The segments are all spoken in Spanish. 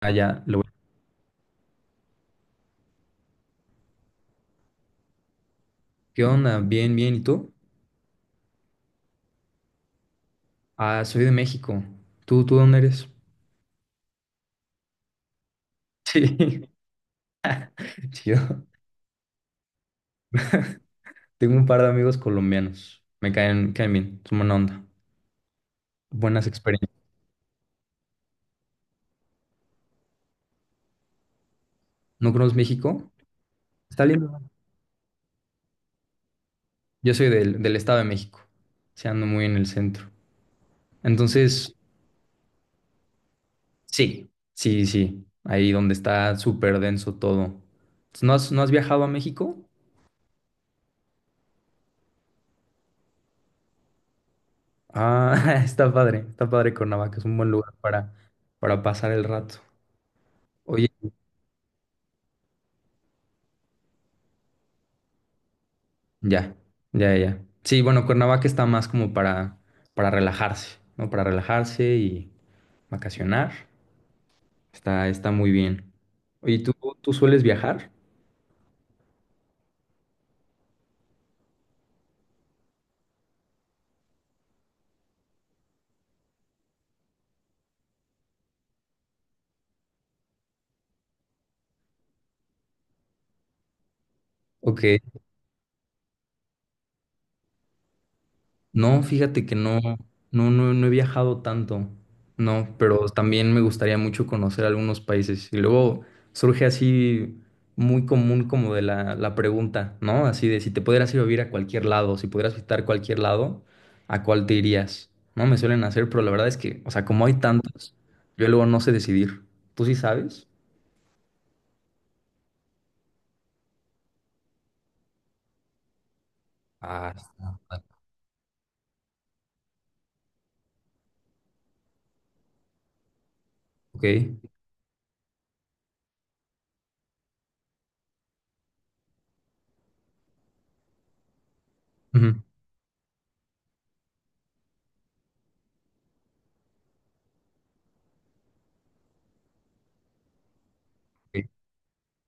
Ah, ya, ¿Qué onda? Bien, bien. ¿Y tú? Ah, soy de México. ¿Tú dónde eres? Sí, chido. Tengo un par de amigos colombianos. Me caen bien. Son buena onda. Buenas experiencias. ¿No conoces México? Está lindo. Yo soy del Estado de México. Se ando muy en el centro. Entonces, sí, sí, sí. Ahí donde está súper denso todo. ¿No has viajado a México? Ah, está padre. Está padre Cuernavaca. Es un buen lugar para pasar el rato. Oye. Ya, ya, ya. Sí, bueno, Cuernavaca está más como para relajarse, ¿no? Para relajarse y vacacionar. Está muy bien. Oye, ¿tú sueles viajar? Ok. No, fíjate que no, no he viajado tanto, no, pero también me gustaría mucho conocer algunos países. Y luego surge así muy común como de la pregunta, ¿no? Así de si te pudieras ir a vivir a cualquier lado, si pudieras visitar cualquier lado, ¿a cuál te irías? No, me suelen hacer, pero la verdad es que, o sea, como hay tantos, yo luego no sé decidir. ¿Tú sí sabes? Ah, está. Ok. Ujú. Ok.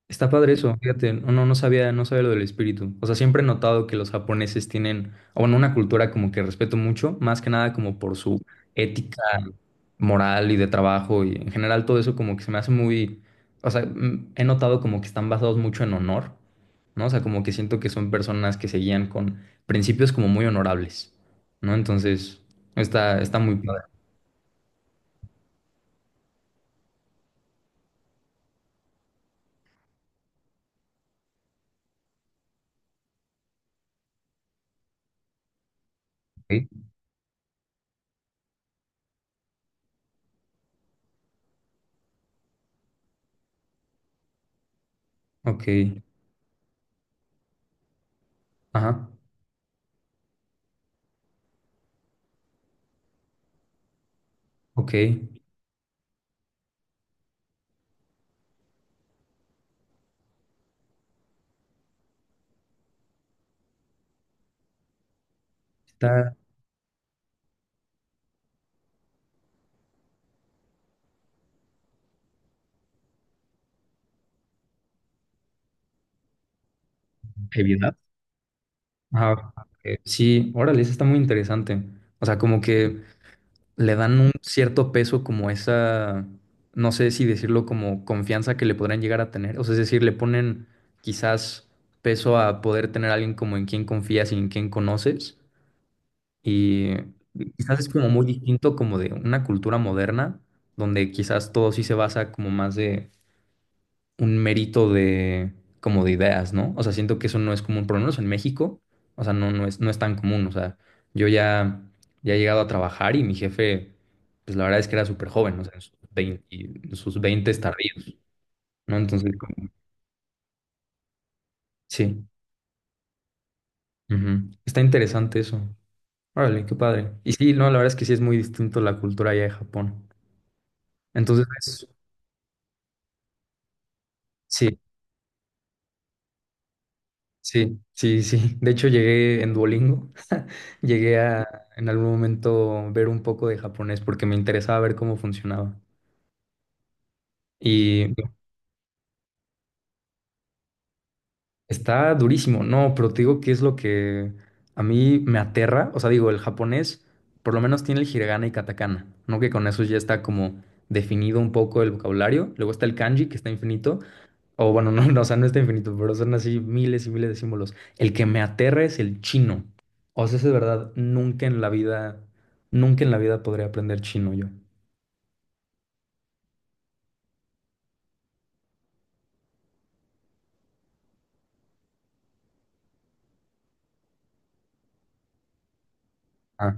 Está padre eso, fíjate, no sabía lo del espíritu. O sea, siempre he notado que los japoneses tienen, o bueno, una cultura como que respeto mucho, más que nada como por su ética moral y de trabajo y en general todo eso como que se me hace muy, o sea, he notado como que están basados mucho en honor, ¿no? O sea, como que siento que son personas que se guían con principios como muy honorables, ¿no? Entonces, está muy padre. Ok, ok, ajá, ok. Está evidente. Ah, ok. Sí, órale, eso está muy interesante. O sea, como que le dan un cierto peso como esa, no sé si decirlo como confianza que le podrían llegar a tener. O sea, es decir, le ponen quizás peso a poder tener a alguien como en quien confías y en quien conoces. Y quizás es como muy distinto como de una cultura moderna, donde quizás todo sí se basa como más de un mérito de como de ideas, ¿no? O sea, siento que eso no es común, por lo menos en México, o sea, no es tan común, o sea, yo ya he llegado a trabajar y mi jefe, pues la verdad es que era súper joven, o sea, en sus 20 tardíos, ¿no? Entonces, sí, ujú. Está interesante eso. Órale, qué padre. Y sí, no, la verdad es que sí es muy distinto la cultura allá de Japón. Entonces, sí, sí, sí, sí. De hecho, llegué en Duolingo. Llegué a en algún momento ver un poco de japonés porque me interesaba ver cómo funcionaba. Y está durísimo, no, pero te digo que es lo que a mí me aterra. O sea, digo, el japonés por lo menos tiene el hiragana y katakana, ¿no? Que con eso ya está como definido un poco el vocabulario. Luego está el kanji, que está infinito. O bueno, o sea, no está infinito, pero son así miles y miles de símbolos. El que me aterra es el chino. O sea, ese de verdad, nunca en la vida, nunca en la vida podría aprender chino yo. Ah,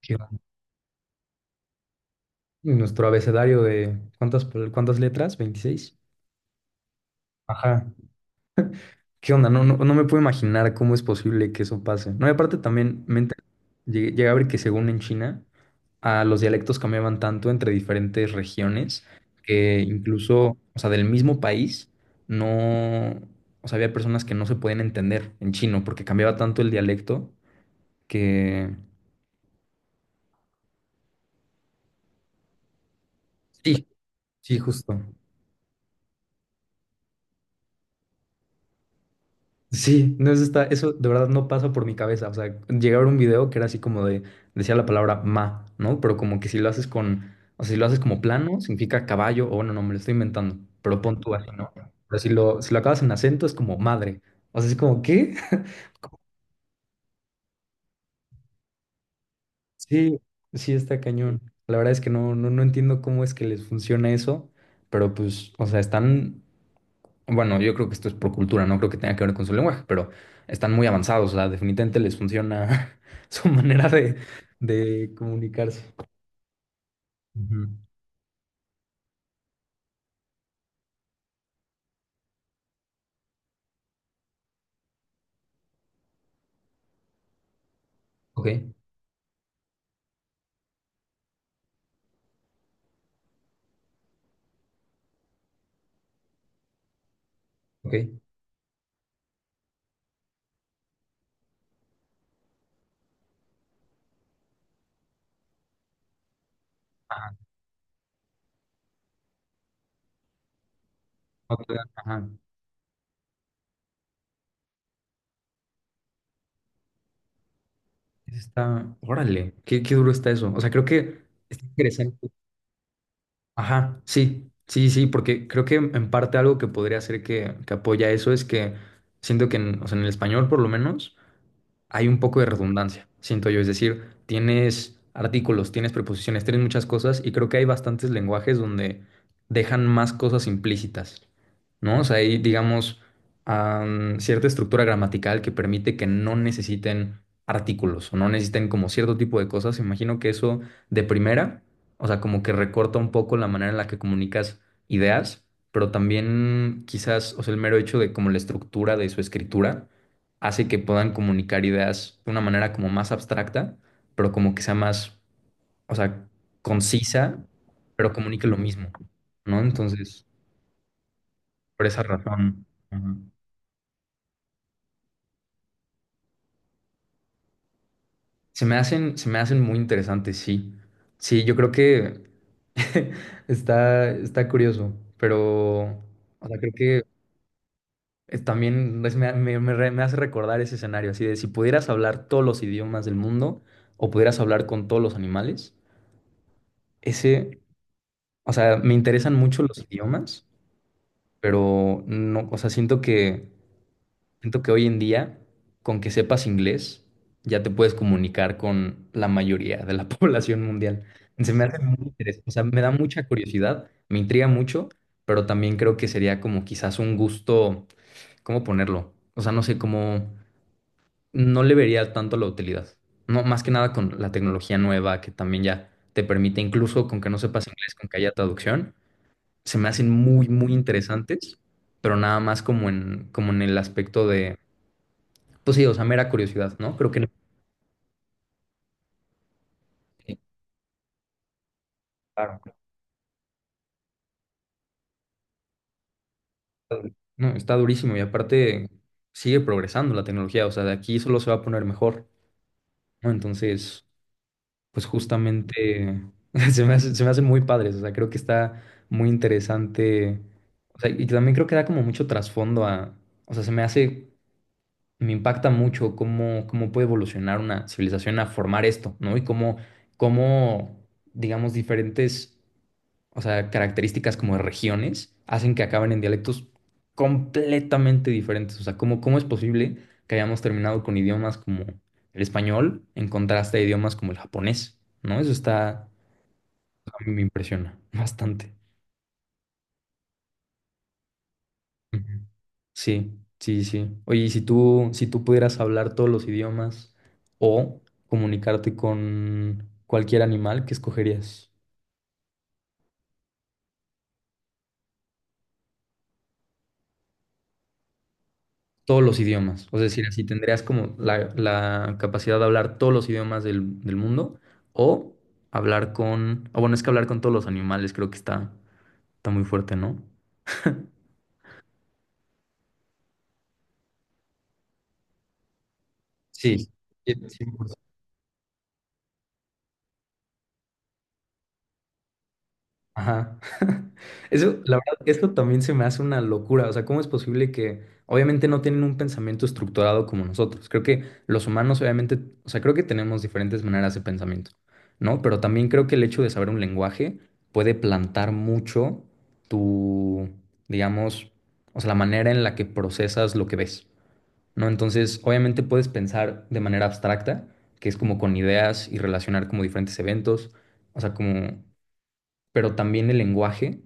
qué va. Nuestro abecedario de, ¿ cuántas letras? 26. Ajá. ¿Qué onda? No, no me puedo imaginar cómo es posible que eso pase. No, y aparte también llegué a ver que según en China, a los dialectos cambiaban tanto entre diferentes regiones que incluso, o sea, del mismo país, no, o sea, había personas que no se podían entender en chino porque cambiaba tanto el dialecto que. Sí, sí, justo. Sí, no, eso eso de verdad no pasa por mi cabeza. O sea, llegué a ver un video que era así como de, decía la palabra ma, ¿no? Pero como que si lo haces con, o sea, si lo haces como plano, significa caballo, o bueno, no, me lo estoy inventando, pero pon tú así, ¿no? Pero si lo acabas en acento es como madre. O sea, es como, ¿qué? Sí, sí está cañón. La verdad es que no entiendo cómo es que les funciona eso, pero pues, o sea, están Bueno, yo creo que esto es por cultura, no creo que tenga que ver con su lenguaje, pero están muy avanzados, o sea, definitivamente les funciona su manera de comunicarse. Ujú. Ok, ok. Ajá, otra, ajá. Eso está, órale, qué duro está eso. O sea, creo que está interesante. Ajá, sí, sí, sí, porque creo que en parte algo que podría hacer que apoya eso es que siento que en, o sea, en el español por lo menos. Hay un poco de redundancia, siento yo. Es decir, tienes artículos, tienes preposiciones, tienes muchas cosas y creo que hay bastantes lenguajes donde dejan más cosas implícitas, ¿no? O sea, hay, digamos, cierta estructura gramatical que permite que no necesiten artículos o no necesiten como cierto tipo de cosas. Imagino que eso de primera, o sea, como que recorta un poco la manera en la que comunicas ideas. Pero también quizás, o sea, el mero hecho de como la estructura de su escritura, hace que puedan comunicar ideas de una manera como más abstracta, pero como que sea más, o sea, concisa, pero comunique lo mismo, ¿no? Entonces, por esa razón, ujú. Se me hacen muy interesantes, sí. Sí, yo creo que está curioso, pero, o sea, creo que es también me hace recordar ese escenario, así de si pudieras hablar todos los idiomas del mundo o pudieras hablar con todos los animales, ese... O sea, me interesan mucho los idiomas, pero no, o sea, siento que hoy en día, con que sepas inglés, ya te puedes comunicar con la mayoría de la población mundial. Se me hace muy interesante, o sea, me da mucha curiosidad, me intriga mucho, pero también creo que sería como quizás un gusto, ¿cómo ponerlo? O sea, no sé cómo, no le vería tanto la utilidad. No, más que nada con la tecnología nueva que también ya te permite, incluso con que no sepas inglés, con que haya traducción se me hacen muy, muy interesantes, pero nada más como en, como en el aspecto de, pues sí, o sea, mera curiosidad, ¿no? Creo que no. Claro. No, está durísimo y aparte sigue progresando la tecnología, o sea, de aquí solo se va a poner mejor, ¿no? Entonces, pues justamente se me hacen muy padres, o sea, creo que está muy interesante, o sea, y también creo que da como mucho trasfondo a, o sea, se me hace me impacta mucho cómo puede evolucionar una civilización a formar esto, ¿no? Y cómo, digamos, diferentes, o sea, características como de regiones hacen que acaben en dialectos completamente diferentes. O sea, cómo es posible que hayamos terminado con idiomas como el español en contraste a idiomas como el japonés, ¿no? Eso está, a mí me impresiona bastante. Ujú. Sí, sí, sí. Oye, y si tú pudieras hablar todos los idiomas o comunicarte con cualquier animal, ¿qué escogerías? Todos los idiomas. O sea, es decir, así tendrías como la capacidad de hablar todos los idiomas del mundo o O bueno, es que hablar con todos los animales creo que está muy fuerte, ¿no? Sí, ajá. Eso, la verdad, esto también se me hace una locura. O sea, ¿cómo es posible que obviamente no tienen un pensamiento estructurado como nosotros? Creo que los humanos, obviamente, o sea, creo que tenemos diferentes maneras de pensamiento, ¿no? Pero también creo que el hecho de saber un lenguaje puede plantar mucho tu, digamos, o sea, la manera en la que procesas lo que ves, ¿no? Entonces, obviamente puedes pensar de manera abstracta, que es como con ideas y relacionar como diferentes eventos. O sea, como pero también el lenguaje.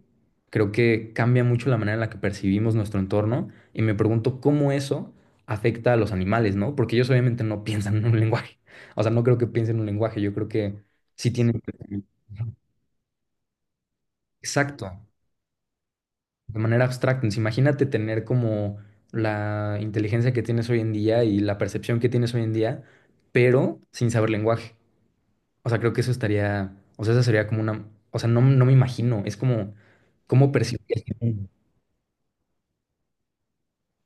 Creo que cambia mucho la manera en la que percibimos nuestro entorno y me pregunto cómo eso afecta a los animales, ¿no? Porque ellos obviamente no piensan en un lenguaje. O sea, no creo que piensen en un lenguaje, yo creo que sí tienen. Exacto, de manera abstracta. Entonces, imagínate tener como la inteligencia que tienes hoy en día y la percepción que tienes hoy en día, pero sin saber lenguaje. O sea, creo que eso estaría, o sea, esa sería como una, o sea, no, no me imagino, es como, ¿cómo percibes?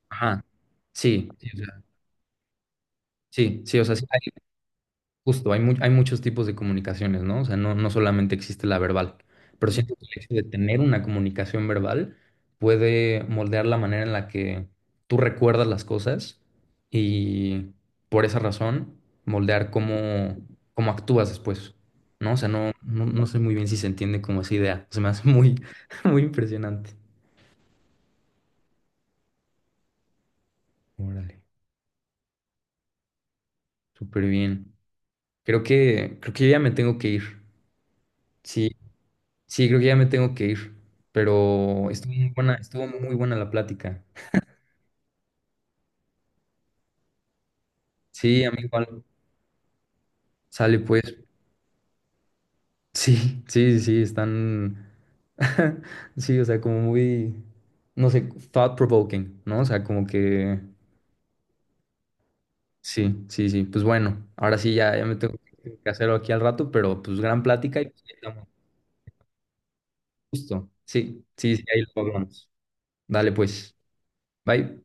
Ajá. Sí, sí, o sea, sí, sí, o sea, sí, justo, hay muchos tipos de comunicaciones, ¿no? O sea, no solamente existe la verbal, pero siento que el hecho de tener una comunicación verbal puede moldear la manera en la que tú recuerdas las cosas y por esa razón moldear cómo actúas después, ¿no? O sea, no sé muy bien si se entiende como esa idea, se me hace muy, muy impresionante. Órale, súper bien. Creo que yo ya me tengo que ir. Sí, sí, creo que ya me tengo que ir, pero estuvo muy buena la plática. Sí, a mí igual sale pues. Sí, sí, sí, están, sí, o sea, como muy, no sé, thought provoking, ¿no? O sea, como que, sí, sí, sí, pues bueno, ahora sí ya me tengo que hacerlo aquí al rato, pero pues gran plática y pues ahí estamos justo. Sí, sí, sí, ahí lo hablamos. Dale pues, bye.